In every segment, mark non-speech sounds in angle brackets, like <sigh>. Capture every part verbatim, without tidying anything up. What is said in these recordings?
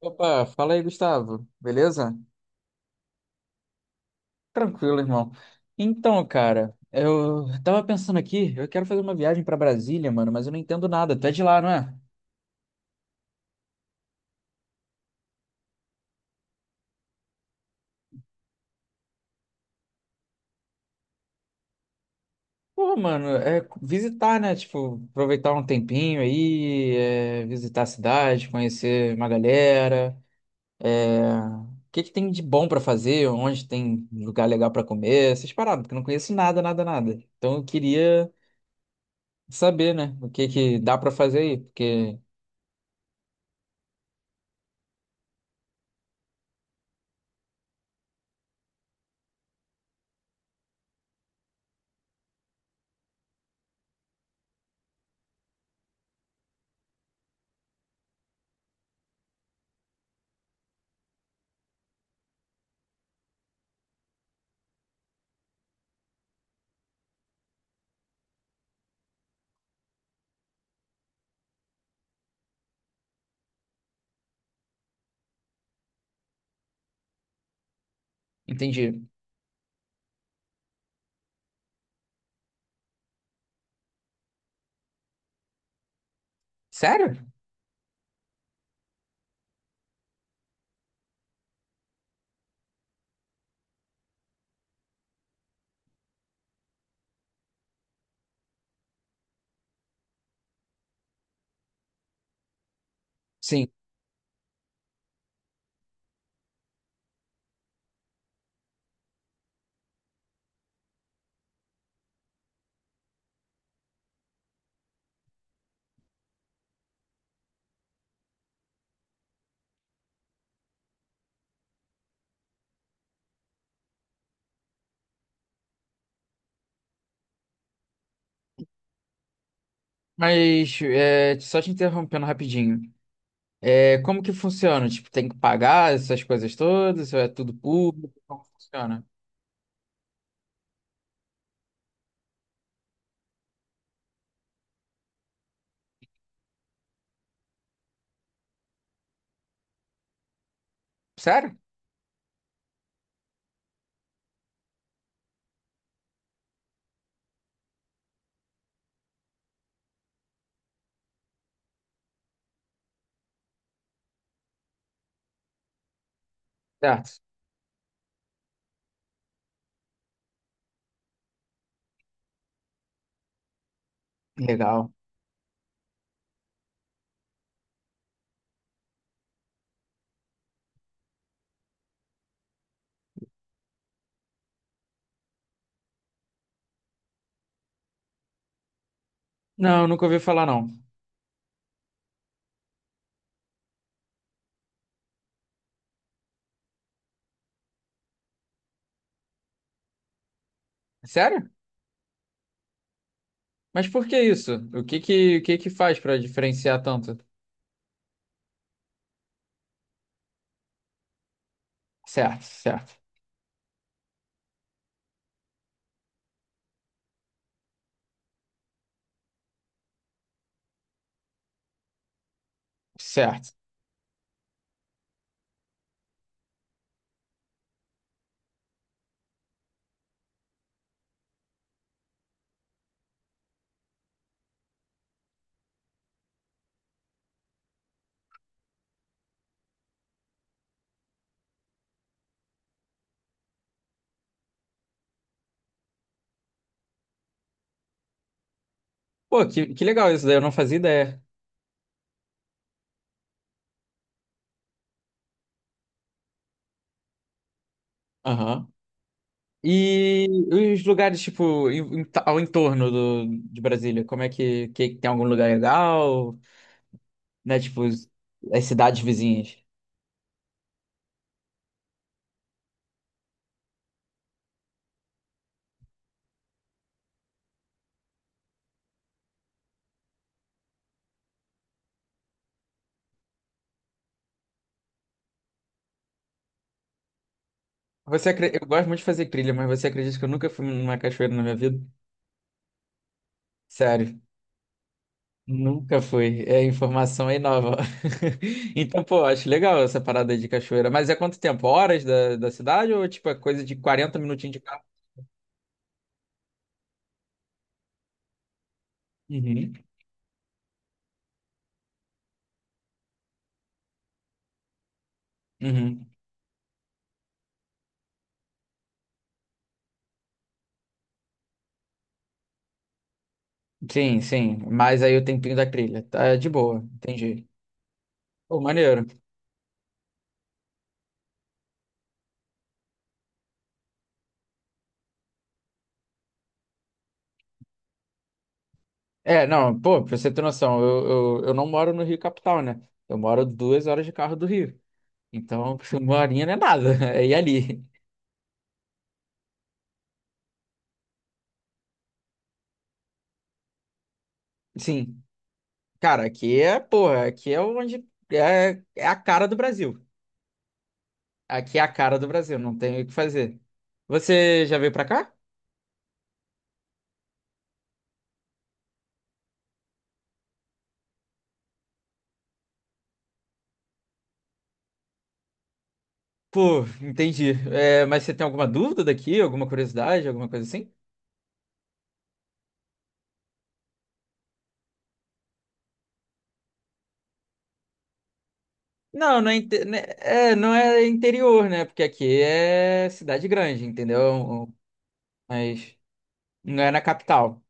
Opa, fala aí, Gustavo. Beleza? Tranquilo, irmão. Então, cara, eu tava pensando aqui, eu quero fazer uma viagem pra Brasília, mano, mas eu não entendo nada. Tu é de lá, não é? Pô, mano, é visitar, né? Tipo, aproveitar um tempinho aí, é, visitar a cidade, conhecer uma galera. é, O que que tem de bom pra fazer? Onde tem lugar legal pra comer? Essas paradas, porque eu não conheço nada, nada, nada. Então eu queria saber, né? O que que dá pra fazer aí, porque... Entendi. Sério? Sim, mas é, só te interrompendo rapidinho. É, como que funciona? Tipo, tem que pagar essas coisas todas? Ou é tudo público? Como funciona? Sério? Certo. Legal. Não, nunca ouvi falar não. Sério? Mas por que isso? O que que, o que que faz pra diferenciar tanto? Certo, certo, certo. Pô, que, que legal isso daí, eu não fazia ideia. Aham. E os lugares, tipo, em- em ta- ao entorno do, de Brasília, como é que, que tem algum lugar legal? Né? Tipo, as cidades vizinhas. Você acre... Eu gosto muito de fazer trilha, mas você acredita que eu nunca fui numa cachoeira na minha vida? Sério, nunca fui. É a informação aí nova. <laughs> Então, pô, acho legal essa parada de cachoeira. Mas é quanto tempo? Horas da, da cidade ou tipo é coisa de quarenta minutinhos de carro? Uhum. Uhum. Sim, sim. Mas aí o tempinho da trilha. Tá de boa, entendi. Pô, maneiro. É, não, pô, pra você ter noção, eu, eu, eu não moro no Rio capital, né? Eu moro duas horas de carro do Rio. Então, <laughs> uma horinha não é nada. <laughs> É ir ali. Sim, cara, aqui é, porra, aqui é onde é, é a cara do Brasil. Aqui é a cara do Brasil, não tem o que fazer. Você já veio pra cá? Pô, entendi. É, mas você tem alguma dúvida daqui, alguma curiosidade, alguma coisa assim? Não, não é, inte- né, é, não é interior, né? Porque aqui é cidade grande, entendeu? Mas não é na capital.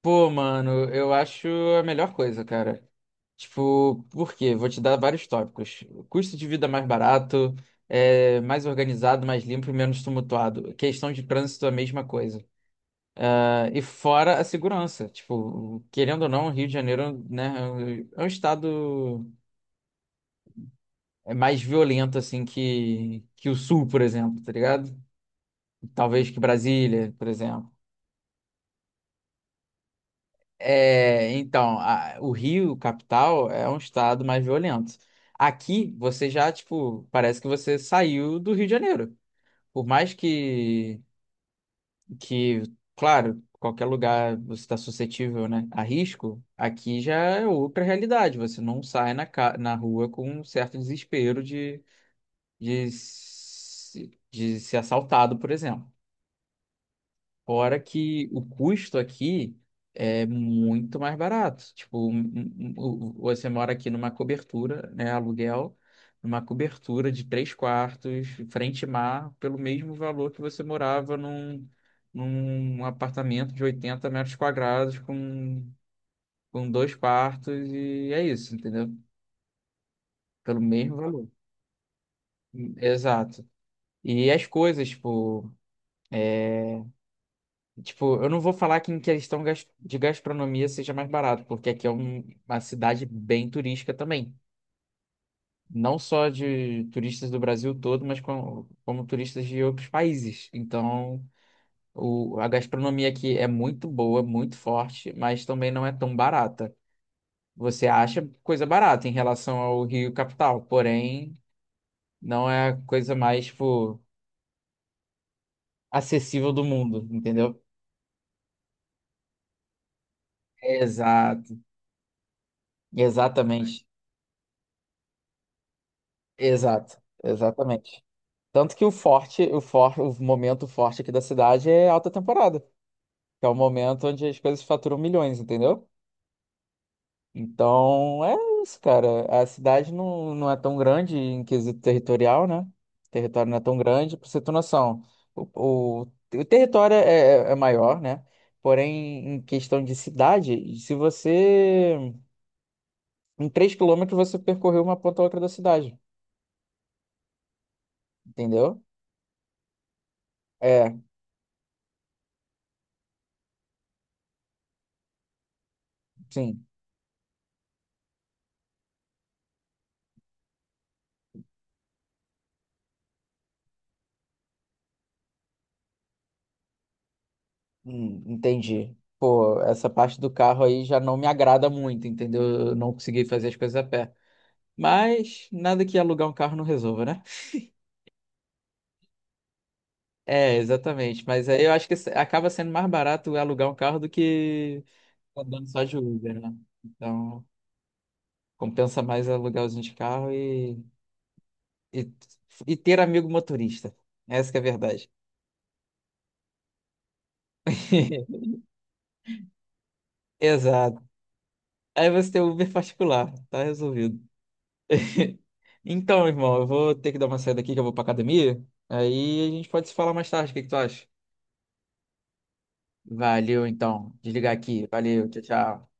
Pô, mano, eu acho a melhor coisa, cara. Tipo, por quê? Vou te dar vários tópicos. Custo de vida mais barato, é, mais organizado, mais limpo e menos tumultuado. Questão de trânsito, a mesma coisa. Ah, e fora a segurança. Tipo, querendo ou não, o Rio de Janeiro, né, é um é um estado é mais violento, assim, que, que o Sul, por exemplo, tá ligado? Talvez que Brasília, por exemplo. É, então, a- o Rio, capital, é um estado mais violento. Aqui, você já, tipo, parece que você saiu do Rio de Janeiro. Por mais que, que, claro, qualquer lugar você está suscetível, né, a risco, aqui já é outra realidade. Você não sai na, ca- na rua com um certo desespero de, de, se- de ser assaltado, por exemplo. Fora que o custo aqui é muito mais barato. Tipo, um- um- um- você mora aqui numa cobertura, né, aluguel, numa cobertura de três quartos, frente e mar, pelo mesmo valor que você morava num, num apartamento de oitenta metros quadrados com, com dois quartos e é isso, entendeu? Pelo mesmo valor. Exato. E as coisas, tipo. é, Tipo, eu não vou falar que em questão gas- de gastronomia seja mais barato, porque aqui é um- uma cidade bem turística também. Não só de turistas do Brasil todo, mas com- como turistas de outros países. Então, o- a gastronomia aqui é muito boa, muito forte, mas também não é tão barata. Você acha coisa barata em relação ao Rio capital, porém, não é a coisa mais, tipo, acessível do mundo, entendeu? Exato. Exatamente. Exato. Exatamente. Tanto que o forte, o for, o momento forte aqui da cidade é alta temporada, que é o momento onde as coisas faturam milhões, entendeu? Então é isso, cara. A cidade não, não é tão grande em quesito territorial, né? O território não é tão grande, pra você ter noção. O, o, o território é, é é maior, né? Porém, em questão de cidade, se você. Em três quilômetros você percorreu uma ponta a outra da cidade, entendeu? É, sim. Hum, entendi. Pô, essa parte do carro aí já não me agrada muito, entendeu? Eu não consegui fazer as coisas a pé. Mas nada que alugar um carro não resolva, né? É, exatamente. Mas aí eu acho que se- acaba sendo mais barato alugar um carro do que andando só de Uber, né? Então, compensa mais alugar usina de carro e, e, e ter amigo motorista. Essa que é a verdade. <laughs> Exato. Aí você tem o Uber particular, tá resolvido. <laughs> Então, irmão, eu vou ter que dar uma saída aqui que eu vou pra academia. Aí a gente pode se falar mais tarde. O que que tu acha? Valeu, então. Desligar aqui. Valeu, tchau, tchau.